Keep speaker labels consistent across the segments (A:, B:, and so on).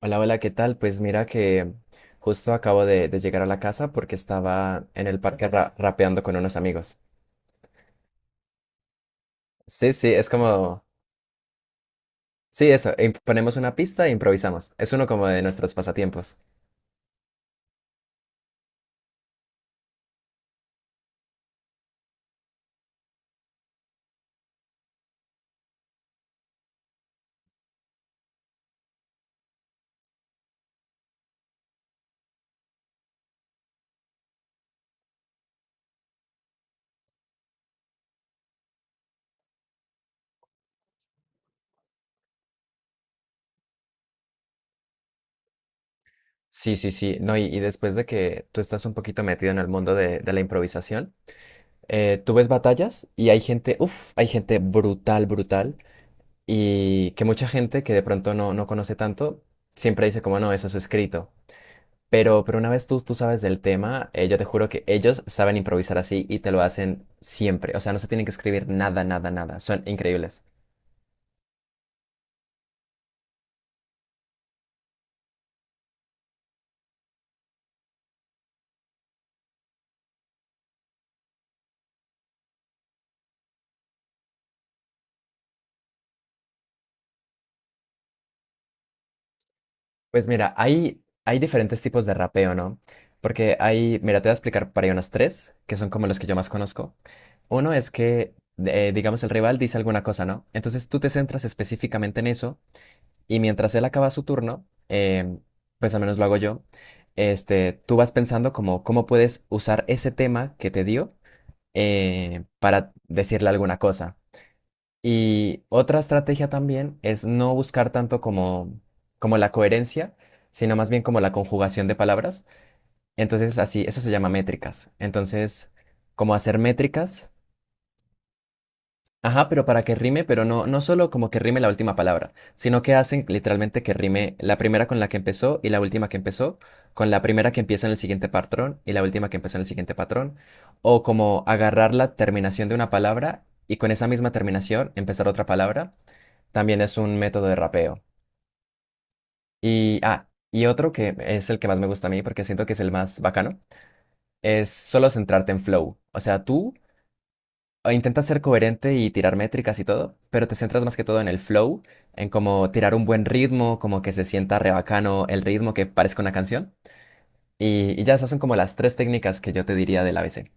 A: Hola, hola, ¿qué tal? Pues mira que justo acabo de llegar a la casa porque estaba en el parque rapeando con unos amigos. Sí, sí, es como... Sí, eso, e ponemos una pista e improvisamos. Es uno como de nuestros pasatiempos. Sí, sí, sí, no, y después de que tú estás un poquito metido en el mundo de la improvisación, tú ves batallas y hay gente, uff, hay gente brutal, brutal, y que mucha gente que de pronto no conoce tanto, siempre dice como, no, eso es escrito. Pero una vez tú sabes del tema, yo te juro que ellos saben improvisar así y te lo hacen siempre. O sea, no se tienen que escribir nada, nada, nada. Son increíbles. Pues mira, hay diferentes tipos de rapeo, ¿no? Porque hay, mira, te voy a explicar para ahí unos tres, que son como los que yo más conozco. Uno es que, digamos, el rival dice alguna cosa, ¿no? Entonces tú te centras específicamente en eso y mientras él acaba su turno, pues al menos lo hago yo, tú vas pensando como cómo puedes usar ese tema que te dio para decirle alguna cosa. Y otra estrategia también es no buscar tanto como, como la coherencia, sino más bien como la conjugación de palabras. Entonces, así, eso se llama métricas. Entonces, como hacer métricas. Ajá, pero para que rime, pero no, no solo como que rime la última palabra, sino que hacen literalmente que rime la primera con la que empezó y la última que empezó, con la primera que empieza en el siguiente patrón y la última que empezó en el siguiente patrón, o como agarrar la terminación de una palabra y con esa misma terminación empezar otra palabra, también es un método de rapeo. Y otro que es el que más me gusta a mí porque siento que es el más bacano, es solo centrarte en flow. O sea, tú o intentas ser coherente y tirar métricas y todo, pero te centras más que todo en el flow, en cómo tirar un buen ritmo, como que se sienta re bacano el ritmo que parezca una canción. Y ya esas son como las tres técnicas que yo te diría del ABC.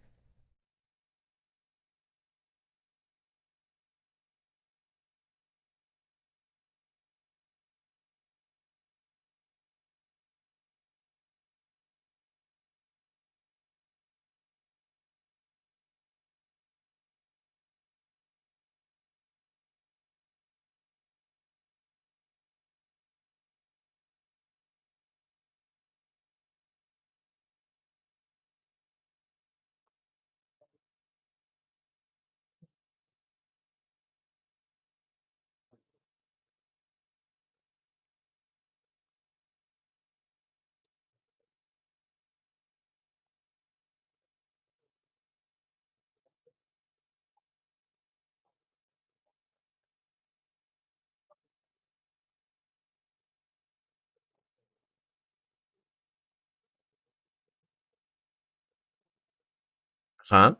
A: Ajá.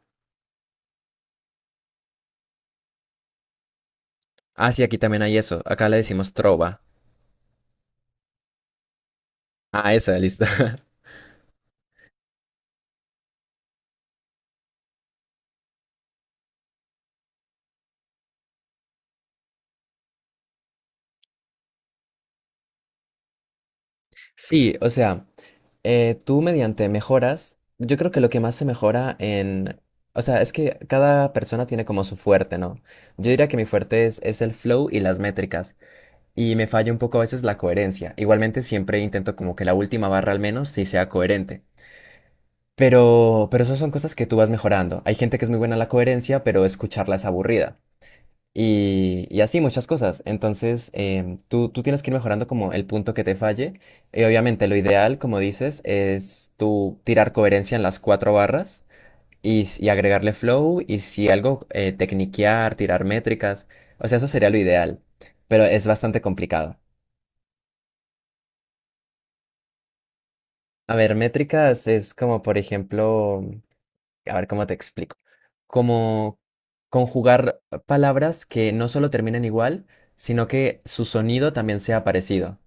A: Ah, sí, aquí también hay eso. Acá le decimos trova. Ah, esa, listo. Sí, o sea, tú mediante mejoras, yo creo que lo que más se mejora en... O sea, es que cada persona tiene como su fuerte, ¿no? Yo diría que mi fuerte es el flow y las métricas. Y me falla un poco a veces la coherencia. Igualmente siempre intento como que la última barra al menos sí sea coherente. Pero esas son cosas que tú vas mejorando. Hay gente que es muy buena en la coherencia, pero escucharla es aburrida. Y así muchas cosas. Entonces, tú tienes que ir mejorando como el punto que te falle. Y obviamente lo ideal, como dices, es tú tirar coherencia en las cuatro barras y agregarle flow y si algo, tecniquear, tirar métricas. O sea, eso sería lo ideal, pero es bastante complicado. A ver, métricas es como, por ejemplo, a ver cómo te explico. Como conjugar palabras que no solo terminan igual, sino que su sonido también sea parecido.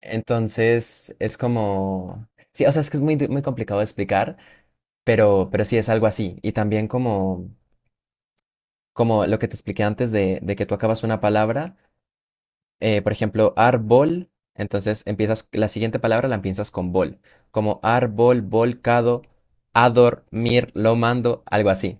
A: Entonces, es como... Sí, o sea, es que es muy, muy complicado de explicar, pero sí es algo así. Y también como, como lo que te expliqué antes de que tú acabas una palabra, por ejemplo, árbol, entonces empiezas, la siguiente palabra la empiezas con bol, como árbol, volcado, a dormir, lo mando, algo así.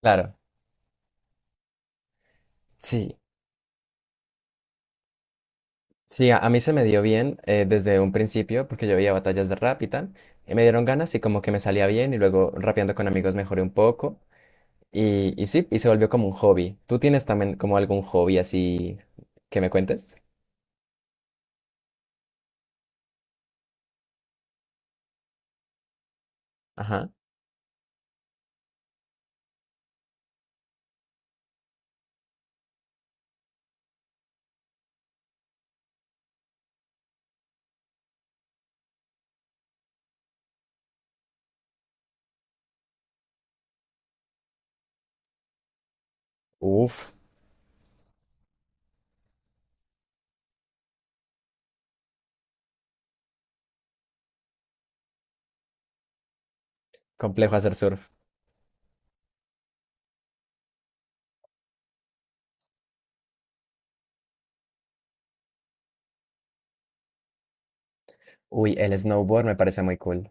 A: Claro, sí, sí, a mí se me dio bien desde un principio porque yo veía batallas de rap y tal, y me dieron ganas y como que me salía bien y luego rapeando con amigos mejoré un poco y sí, y se volvió como un hobby. ¿Tú tienes también como algún hobby así que me cuentes? Ajá. Uf, complejo hacer surf. Uy, el snowboard me parece muy cool.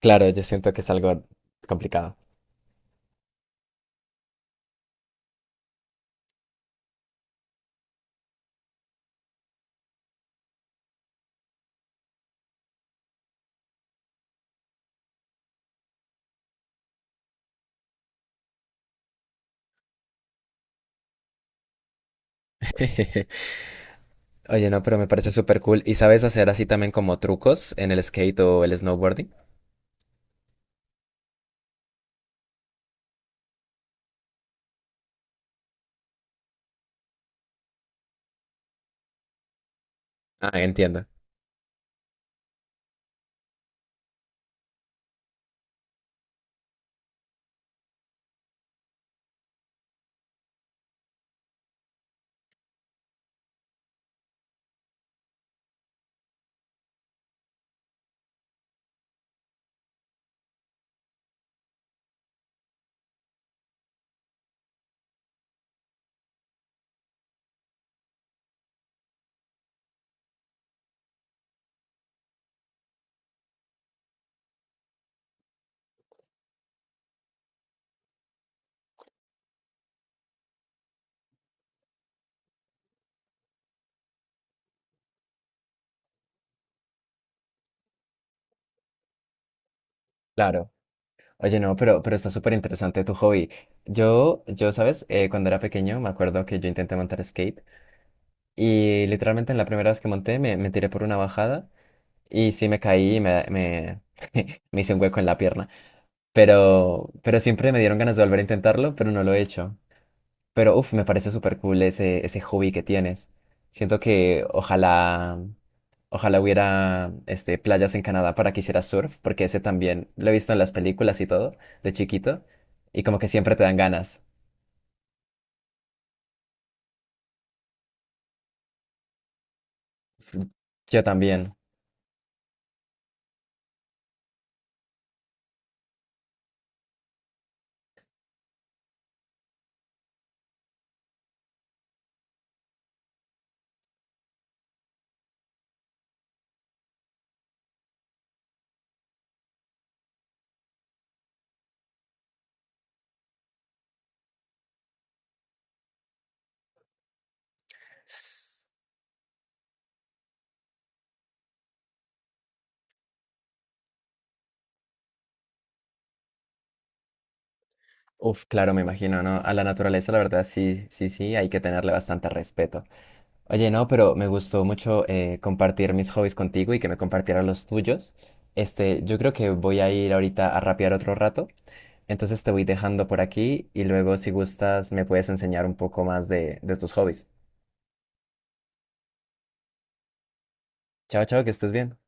A: Claro, yo siento que es algo complicado. Oye, no, pero me parece súper cool. ¿Y sabes hacer así también como trucos en el skate o el snowboarding? Ah, entiendo. Claro. Oye, no, pero está súper interesante tu hobby. Yo, ¿sabes? Cuando era pequeño me acuerdo que yo intenté montar skate y literalmente en la primera vez que monté me tiré por una bajada y sí me caí y me hice un hueco en la pierna. Pero siempre me dieron ganas de volver a intentarlo, pero no lo he hecho. Pero uff, me parece súper cool ese hobby que tienes. Siento que ojalá, ojalá hubiera este, playas en Canadá para que hicieras surf, porque ese también lo he visto en las películas y todo, de chiquito, y como que siempre te dan ganas. Yo también. S- Uf, claro, me imagino, ¿no? A la naturaleza, la verdad, sí, sí, sí, hay que tenerle bastante respeto. Oye, no, pero me gustó mucho compartir mis hobbies contigo y que me compartieras los tuyos. Este, yo creo que voy a ir ahorita a rapear otro rato. Entonces te voy dejando por aquí y luego si gustas me puedes enseñar un poco más de tus hobbies. Chao, chao, que estés bien.